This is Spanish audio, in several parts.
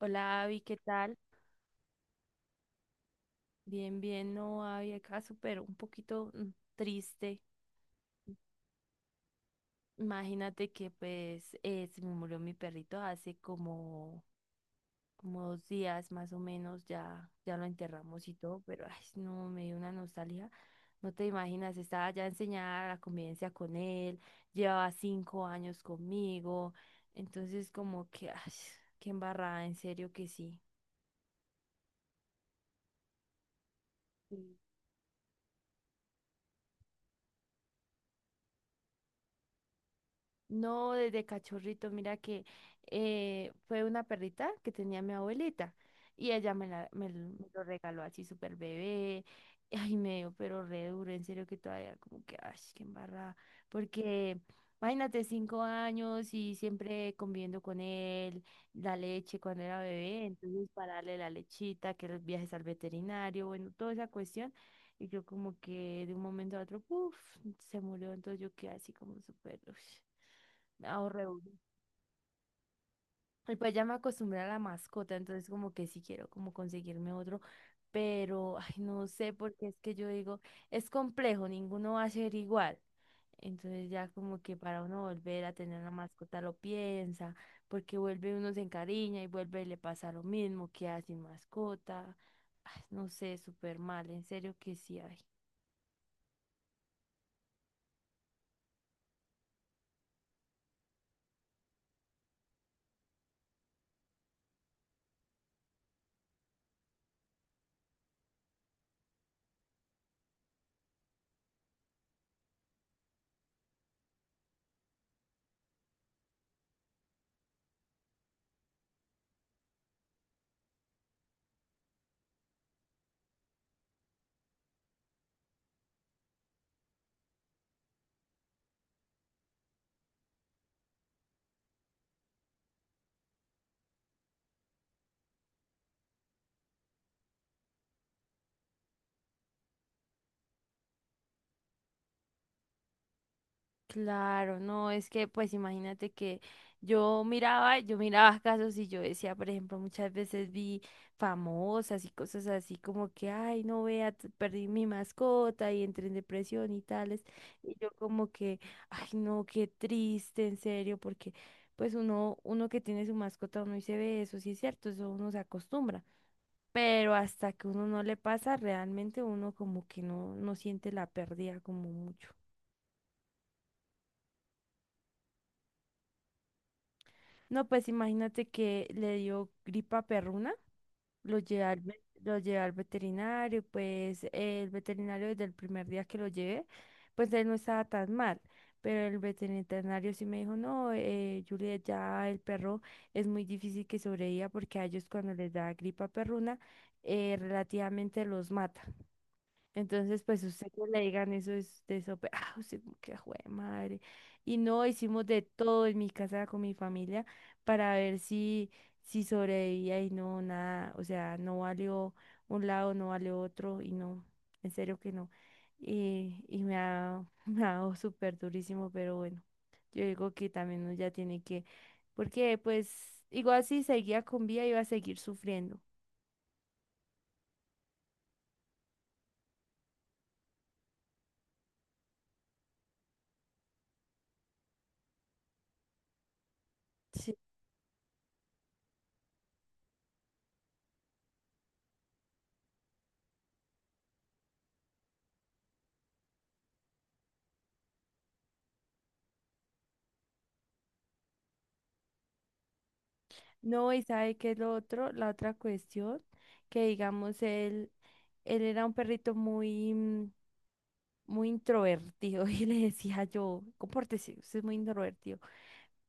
Hola, Abby, ¿qué tal? Bien, bien, no, Abby, acá súper un poquito triste. Imagínate que pues se me murió mi perrito hace como, como 2 días más o menos, ya lo enterramos y todo, pero ay, no, me dio una nostalgia. No te imaginas, estaba ya enseñada la convivencia con él, llevaba 5 años conmigo, entonces como que, ay, qué embarrada, en serio que sí. Sí. No, desde cachorrito, mira que fue una perrita que tenía mi abuelita y ella me, la, me, l- me lo regaló así súper bebé. Ay, me dio pero re duro, en serio que todavía como que, ay, qué embarrada. Porque imagínate, 5 años y siempre conviviendo con él, la leche cuando era bebé, entonces para darle la lechita, que los viajes al veterinario, bueno, toda esa cuestión. Y yo como que de un momento a otro, puff, se murió, entonces yo quedé así como súper, ush, ahorré uno. Y pues ya me acostumbré a la mascota, entonces como que sí quiero como conseguirme otro, pero ay, no sé, porque es que yo digo, es complejo, ninguno va a ser igual. Entonces ya como que para uno volver a tener una mascota lo piensa, porque vuelve uno se encariña y vuelve y le pasa lo mismo, queda sin mascota. Ay, no sé, súper mal, en serio que sí hay. Claro, no, es que pues imagínate que yo miraba casos y yo decía, por ejemplo, muchas veces vi famosas y cosas así como que, ay, no vea, perdí mi mascota y entré en depresión y tales. Y yo como que, ay, no, qué triste, en serio, porque pues uno que tiene su mascota, uno y se ve eso, sí es cierto, eso uno se acostumbra. Pero hasta que uno no le pasa, realmente uno como que no siente la pérdida como mucho. No, pues imagínate que le dio gripa perruna, lo llevé al veterinario, pues el veterinario desde el primer día que lo llevé, pues él no estaba tan mal, pero el veterinario sí me dijo, no, Juliet, ya el perro es muy difícil que sobreviva porque a ellos cuando les da gripa perruna, relativamente los mata. Entonces, pues usted que le digan eso es de eso, ah, usted como que jue madre. Y no hicimos de todo en mi casa con mi familia para ver si sobrevivía y no, nada, o sea, no valió un lado, no valió otro y no, en serio que no. Me ha dado súper durísimo, pero bueno, yo digo que también uno ya tiene que, porque pues igual si seguía con vida iba a seguir sufriendo. No, y sabe que es lo otro, la otra cuestión, que digamos él era un perrito muy introvertido y le decía yo, compórtese, usted es muy introvertido,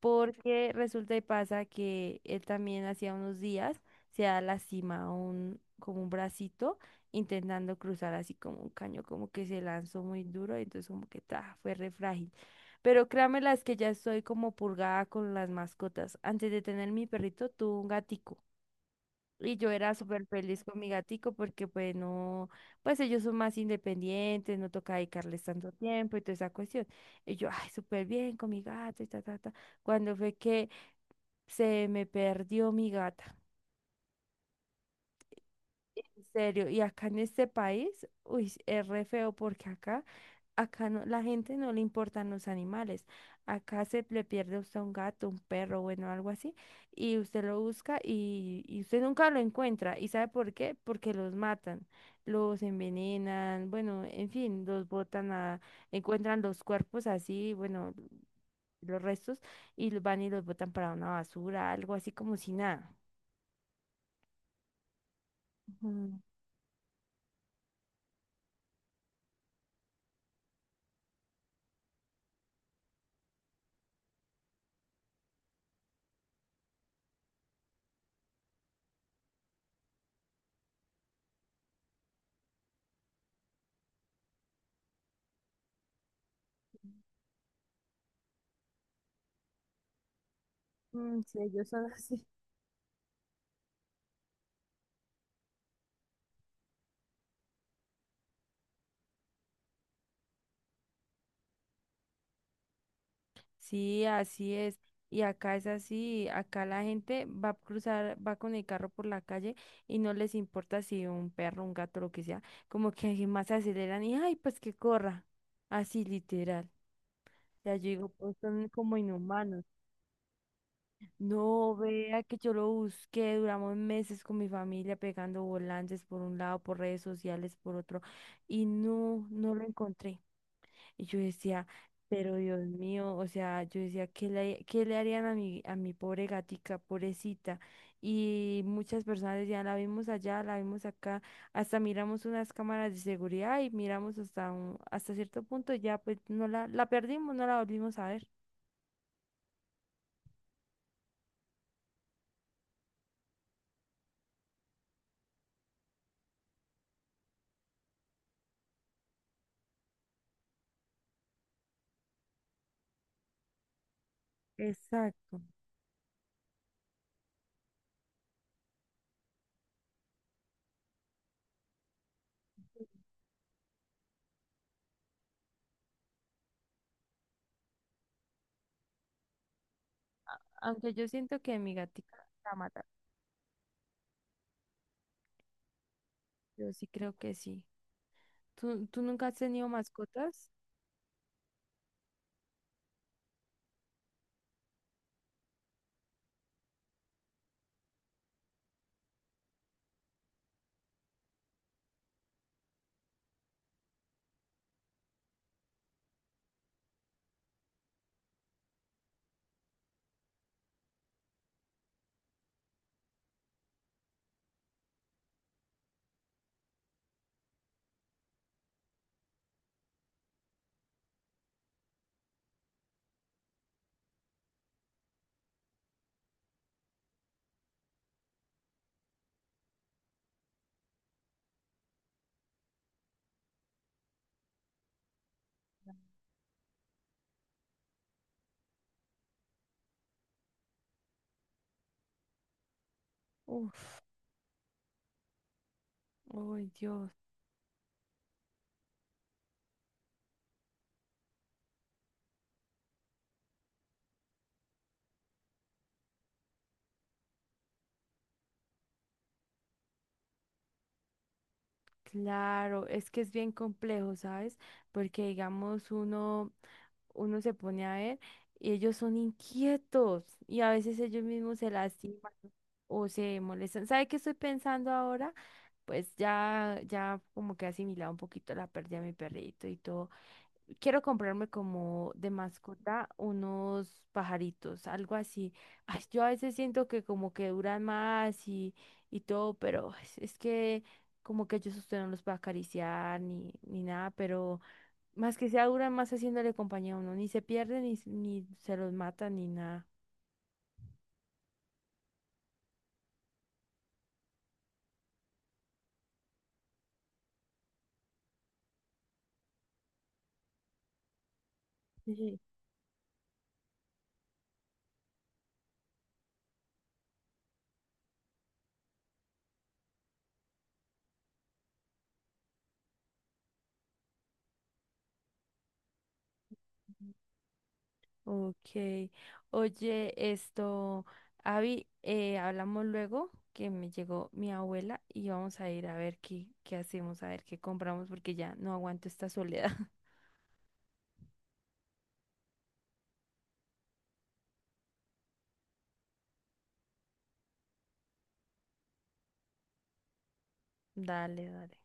porque resulta y pasa que él también hacía unos días se ha lastimado como un bracito intentando cruzar así como un caño, como que se lanzó muy duro y entonces como que ta, fue re frágil. Pero créanme las que ya estoy como purgada con las mascotas. Antes de tener mi perrito, tuve un gatico. Y yo era súper feliz con mi gatico porque pues no, pues ellos son más independientes, no toca dedicarles tanto tiempo y toda esa cuestión. Y yo, ay, súper bien con mi gato y ta, ta, ta. Cuando fue que se me perdió mi gata. En serio, y acá en este país, uy, es re feo porque acá no, la gente no le importan los animales. Acá se le pierde a usted un gato, un perro, bueno, algo así, y usted lo busca y usted nunca lo encuentra. ¿Y sabe por qué? Porque los matan, los envenenan, bueno, en fin, encuentran los cuerpos así, bueno, los restos, y los van y los botan para una basura, algo así como si nada. Ujú. Mm, sí, ellos son así. Sí, así es. Y acá es así, acá la gente va a cruzar, va con el carro por la calle y no les importa si un perro, un gato, lo que sea, como que más aceleran y ay, pues que corra. Así literal. Ya yo digo, pues son como inhumanos. No vea que yo lo busqué, duramos meses con mi familia pegando volantes por un lado, por redes sociales, por otro, y no, no lo encontré. Y yo decía, pero Dios mío, o sea, yo decía, ¿qué le harían a a mi pobre gatica, pobrecita? Y muchas personas decían, la vimos allá, la vimos acá, hasta miramos unas cámaras de seguridad y miramos hasta un, hasta cierto punto, y ya pues la perdimos, no la volvimos a ver. Exacto. Aunque yo siento que mi gatica la mata. Yo sí creo que sí. ¿Tú nunca has tenido mascotas? Uf, ay Dios. Claro, es que es bien complejo, ¿sabes? Porque digamos uno, uno se pone a ver y ellos son inquietos y a veces ellos mismos se lastiman o se molestan. ¿Sabe qué estoy pensando ahora? Pues ya como que he asimilado un poquito la pérdida de mi perrito y todo. Quiero comprarme como de mascota unos pajaritos, algo así. Ay, yo a veces siento que como que duran más y todo, pero es que como que yo usted no los puede acariciar ni nada, pero más que sea duran más haciéndole compañía a uno, ni se pierden, ni se los matan, ni nada. Sí. Ok. Oye, esto, Avi, hablamos luego que me llegó mi abuela y vamos a ir a ver qué hacemos, a ver qué compramos porque ya no aguanto esta soledad. Dale, dale.